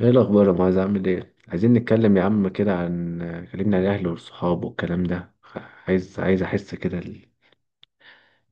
ايه الاخبار يا معاذ؟ عامل ايه؟ عايزين نتكلم يا عم كده عن، كلمنا عن الاهل والصحاب والكلام ده، عايز احس كده ال...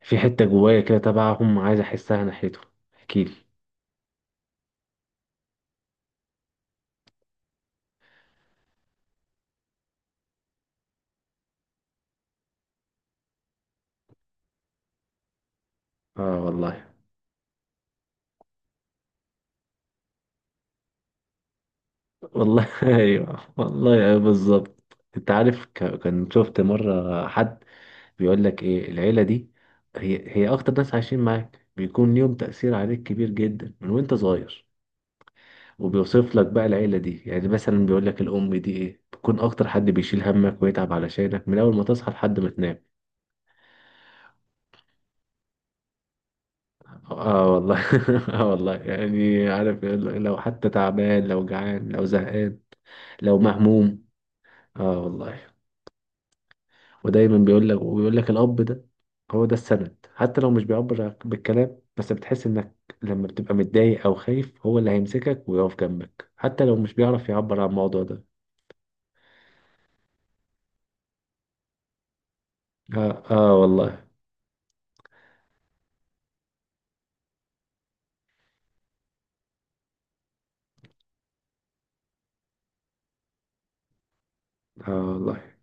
في حته جوايا كده تبعهم، عايز احسها ناحيتهم. احكيلي. اه والله. والله ايوه والله، ايوه بالظبط. انت عارف، كان شفت مره حد بيقول لك ايه العيله دي؟ هي اكتر ناس عايشين معاك بيكون ليهم تاثير عليك كبير جدا من وانت صغير. وبيوصف لك بقى العيلة دي، يعني مثلا بيقول لك الأم دي إيه، بتكون أكتر حد بيشيل همك ويتعب علشانك من أول ما تصحى لحد ما تنام. آه، والله آه والله، يعني عارف لو حتى تعبان، لو جعان، لو زهقان، لو مهموم. آه والله. ودايما بيقول لك، وبيقول لك الأب ده هو ده السند. حتى لو مش بيعبر بالكلام، بس بتحس إنك لما بتبقى متضايق أو خايف هو اللي هيمسكك ويقف جنبك، حتى لو مش بيعرف يعبر عن الموضوع ده. آه، والله. آه والله.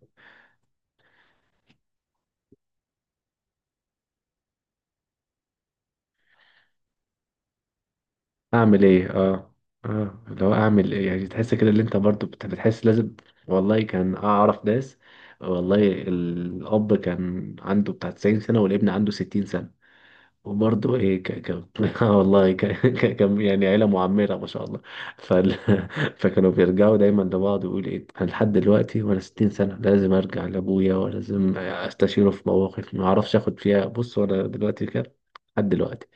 اعمل ايه؟ اه، اه اللي هو اعمل ايه، يعني تحس كده اللي انت برضو بتحس لازم. والله كان اعرف ناس، والله الاب كان عنده بتاع 90 سنه والابن عنده 60 سنه، وبرضه ايه آه والله كان يعني عيله معمره ما شاء الله. فال... فكانوا بيرجعوا دايما لبعض، ويقول ايه انا لحد دلوقتي وانا 60 سنه لازم ارجع لابويا ولازم استشيره في مواقف ما اعرفش اخد فيها، بص وانا دلوقتي كده لحد دلوقتي.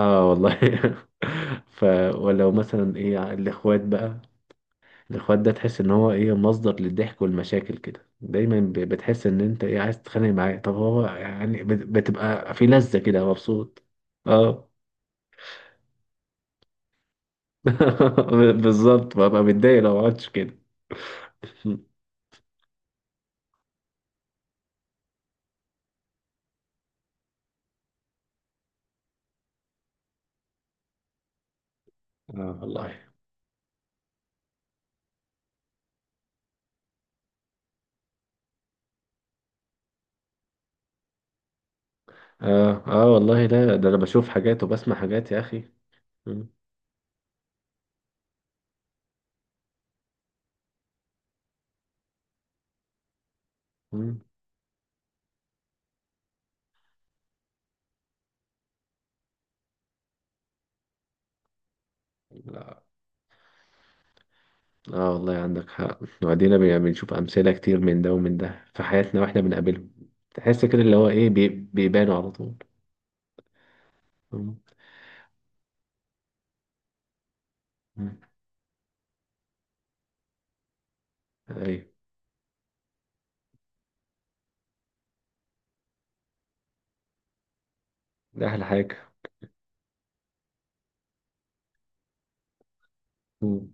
اه والله ف، ولو مثلا ايه الاخوات بقى، الاخوات ده تحس ان هو ايه، مصدر للضحك والمشاكل كده، دايما بتحس ان انت ايه، عايز تتخانق معاه، طب هو يعني بتبقى في لذة كده، مبسوط. اه بالظبط، ببقى متضايق لو ما عملتش كده. اه والله. اه اه والله، ده انا بشوف حاجات وبسمع حاجات يا اخي. مم. مم. اه والله عندك حق. وبعدين بنشوف امثله كتير من ده ومن ده في حياتنا واحنا بنقابلهم، تحس كده اللي هو ايه، بيبانوا على طول. مم. مم. ايوه، ده احلى حاجه. مم.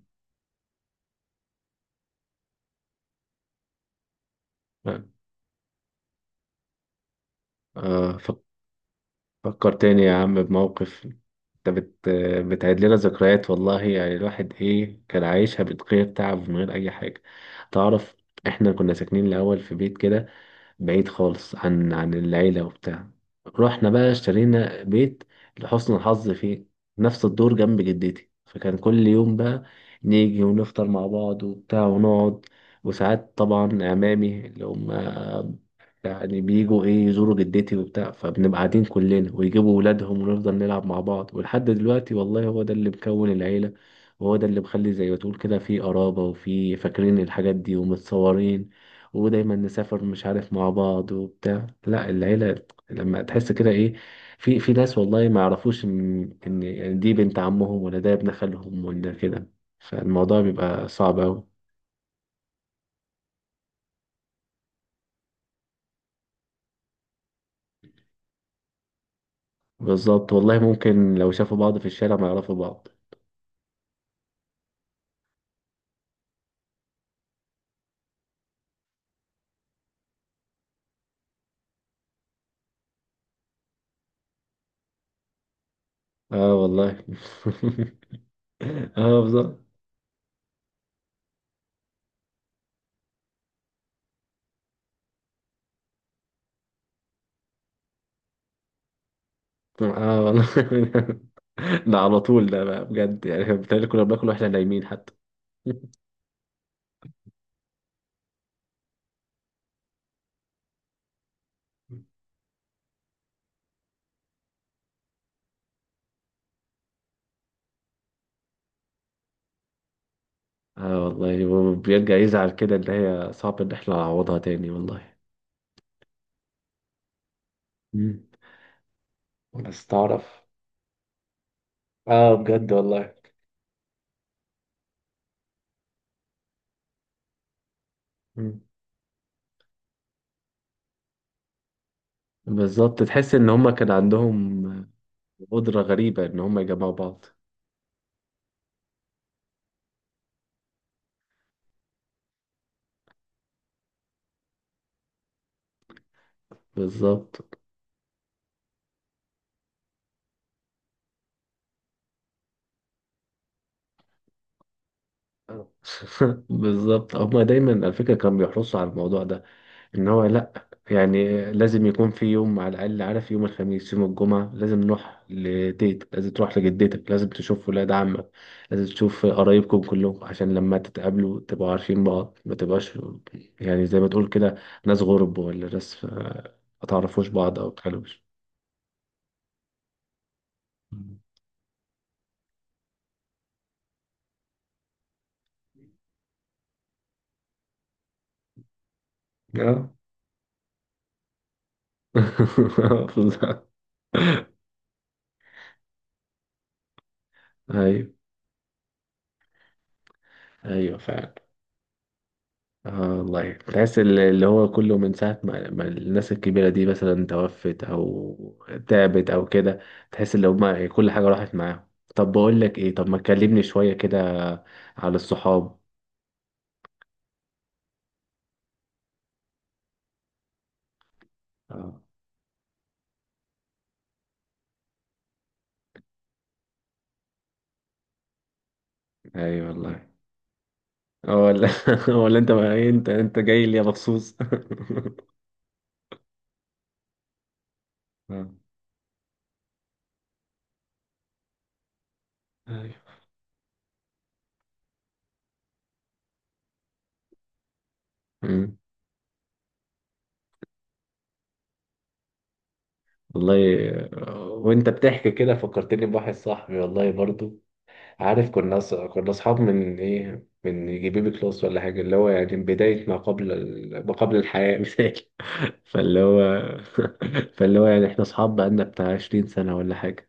آه فك- فكر تاني يا عم بموقف. انت بتعيد لنا ذكريات، والله يعني الواحد ايه، كان عايشها من غير تعب ومن غير اي حاجه. تعرف، احنا كنا ساكنين الاول في بيت كده بعيد خالص عن العيلة وبتاع، رحنا بقى اشترينا بيت لحسن الحظ في نفس الدور جنب جدتي، فكان كل يوم بقى نيجي ونفطر مع بعض وبتاع ونقعد. وساعات طبعا عمامي اللي هم يعني بيجوا ايه، يزوروا جدتي وبتاع، فبنبقى قاعدين كلنا ويجيبوا ولادهم ونفضل نلعب مع بعض، ولحد دلوقتي والله هو ده اللي مكون العيلة. وهو ده اللي مخلي زي ما تقول كده في قرابة، وفي فاكرين الحاجات دي ومتصورين، ودايما نسافر مش عارف مع بعض وبتاع. لا، العيلة لما تحس كده ايه، في ناس والله ما يعرفوش ان يعني دي بنت عمهم، ولا ده ابن خالهم، ولا كده، فالموضوع بيبقى صعب أوي. بالظبط والله، ممكن لو شافوا بعض في الشارع ما يعرفوا بعض. اه والله اه بالظبط. اه والله ده على طول ده بقى بجد، يعني بالتالي كنا بناكل واحنا نايمين حتى. اه والله، هو بيرجع يزعل كده اللي هي صعب ان احنا نعوضها تاني والله. مم. بس تعرف. اه بجد والله. مم. بالظبط، تحس ان هما كان عندهم قدرة غريبة ان هما يجمعوا بعض. بالظبط. آه. بالظبط، هما دايما على فكرة كانوا بيحرصوا على الموضوع ده، ان هو لا، يعني لازم يكون في يوم على الاقل، عارف، يوم الخميس يوم الجمعه لازم نروح لتيتك، لازم تروح لجدتك، لازم تشوف ولاد عمك، لازم تشوف قرايبكم كلكم، عشان لما تتقابلوا تبقوا عارفين بعض، ما تبقاش يعني زي ما تقول كده ناس غرب، ولا ناس آه، ما تعرفوش بعض او ما تتكلموش. اه بالظبط. ايوه، ايوه فعلا. اه والله، تحس اللي هو كله من ساعة ما الناس الكبيرة دي مثلا توفت، أو تعبت أو كده، تحس اللي هما كل حاجة راحت معاهم. طب بقول لك إيه، طب ما تكلمني شوية كده على الصحاب. اه. أي والله. اه، ولا ولا أنت بقى إيه؟ أنت جاي لي مخصوص آه. أيوة. أمم. والله. آه، وأنت بتحكي كده فكرتني بواحد صاحبي والله برضو. عارف، كنا اصحاب من ايه، من يجي بيبي كلاس ولا حاجه، اللي هو يعني بدايه ما قبل ال... ما قبل الحياه مثال. فاللي هو فاللي هو يعني احنا اصحاب بقالنا بتاع 20 سنه ولا حاجه.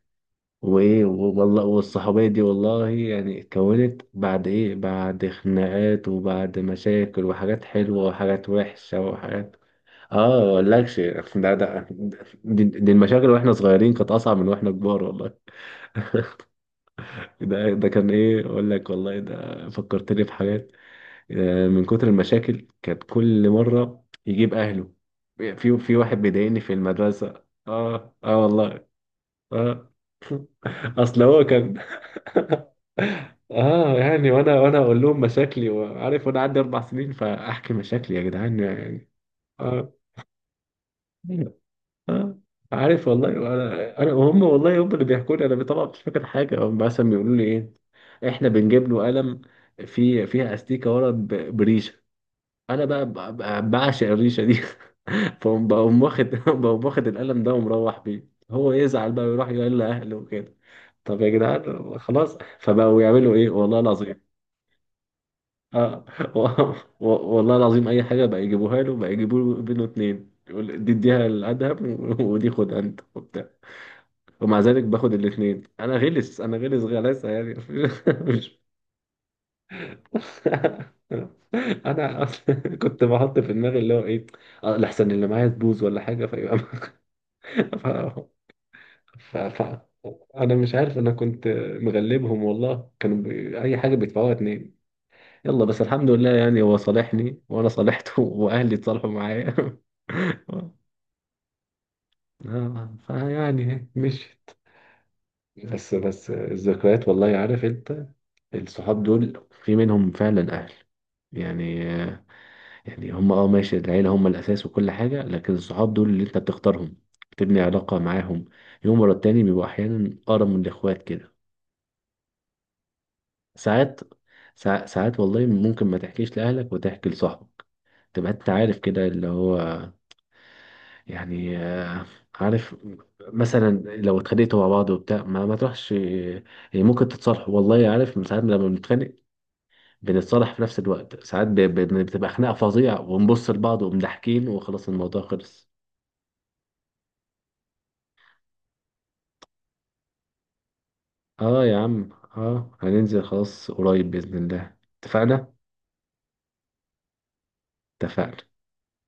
وايه والله، والصحوبيه دي والله يعني اتكونت بعد ايه، بعد خناقات وبعد مشاكل، وحاجات حلوه وحاجات وحشه وحاجات. اه مقولكش، ده دي المشاكل واحنا صغيرين كانت اصعب من واحنا كبار. ده كان ايه اقول لك، والله ده فكرتني في حاجات. آه، من كتر المشاكل كانت كل مره يجيب اهله، في واحد بيضايقني في المدرسه. اه اه والله. اه اصل هو كان. اه يعني وانا اقول لهم مشاكلي، وعارف وانا عندي اربع سنين فاحكي مشاكلي يا جدعان يعني. اه. آه، عارف والله، انا هم والله، هم اللي بيحكوا لي، انا طبعا مش فاكر حاجه، هم مثلا بيقولوا لي ايه، احنا بنجيب له قلم في فيها استيكه ورا بريشه، انا بقى بعشق الريشه دي فقوم بقوم واخد بقوم واخد القلم ده ومروح بيه، هو يزعل بقى ويروح يقول لاهله وكده. طب يا جدعان خلاص، فبقوا يعملوا ايه والله العظيم، اه و- والله العظيم اي حاجه بقى يجيبوها له بقى، يجيبوا له بينه اتنين، يقول دي اديها لادهم ودي خد انت وبتاع. ومع ذلك باخد الاثنين، انا غلس، انا غلاسه يعني مش، انا أصلاً كنت بحط في دماغي اللي هو ايه، آه، لحسن اللي معايا تبوظ ولا حاجه فيبقى ف... ف... ف... انا مش عارف، انا كنت مغلبهم والله، كانوا اي حاجه بيدفعوها اتنين. يلا بس الحمد لله يعني، هو صالحني وانا صالحته واهلي اتصالحوا معايا. آه، فيعني مشيت. بس بس الذكريات، والله عارف انت، الصحاب دول في منهم فعلا أهل يعني. يعني هم اه ماشي، العيلة هم الأساس وكل حاجة، لكن الصحاب دول اللي أنت بتختارهم، بتبني علاقة معاهم يوم ورا التاني، بيبقوا أحيانا أقرب من الإخوات كده. ساعات، ساعات والله ممكن ما تحكيش لأهلك وتحكي لصاحبك، تبقى أنت عارف كده اللي هو يعني، آه، عارف. مثلا لو اتخانقتوا مع بعض وبتاع ما تروحش، يعني ممكن تتصالحوا، والله عارف من ساعات لما بنتخانق بنتصالح في نفس الوقت، ساعات بتبقى خناقة فظيعة ونبص لبعض ومضحكين وخلاص الموضوع خلص. اه يا عم. اه هننزل خلاص قريب بإذن الله. اتفقنا. اتفقنا.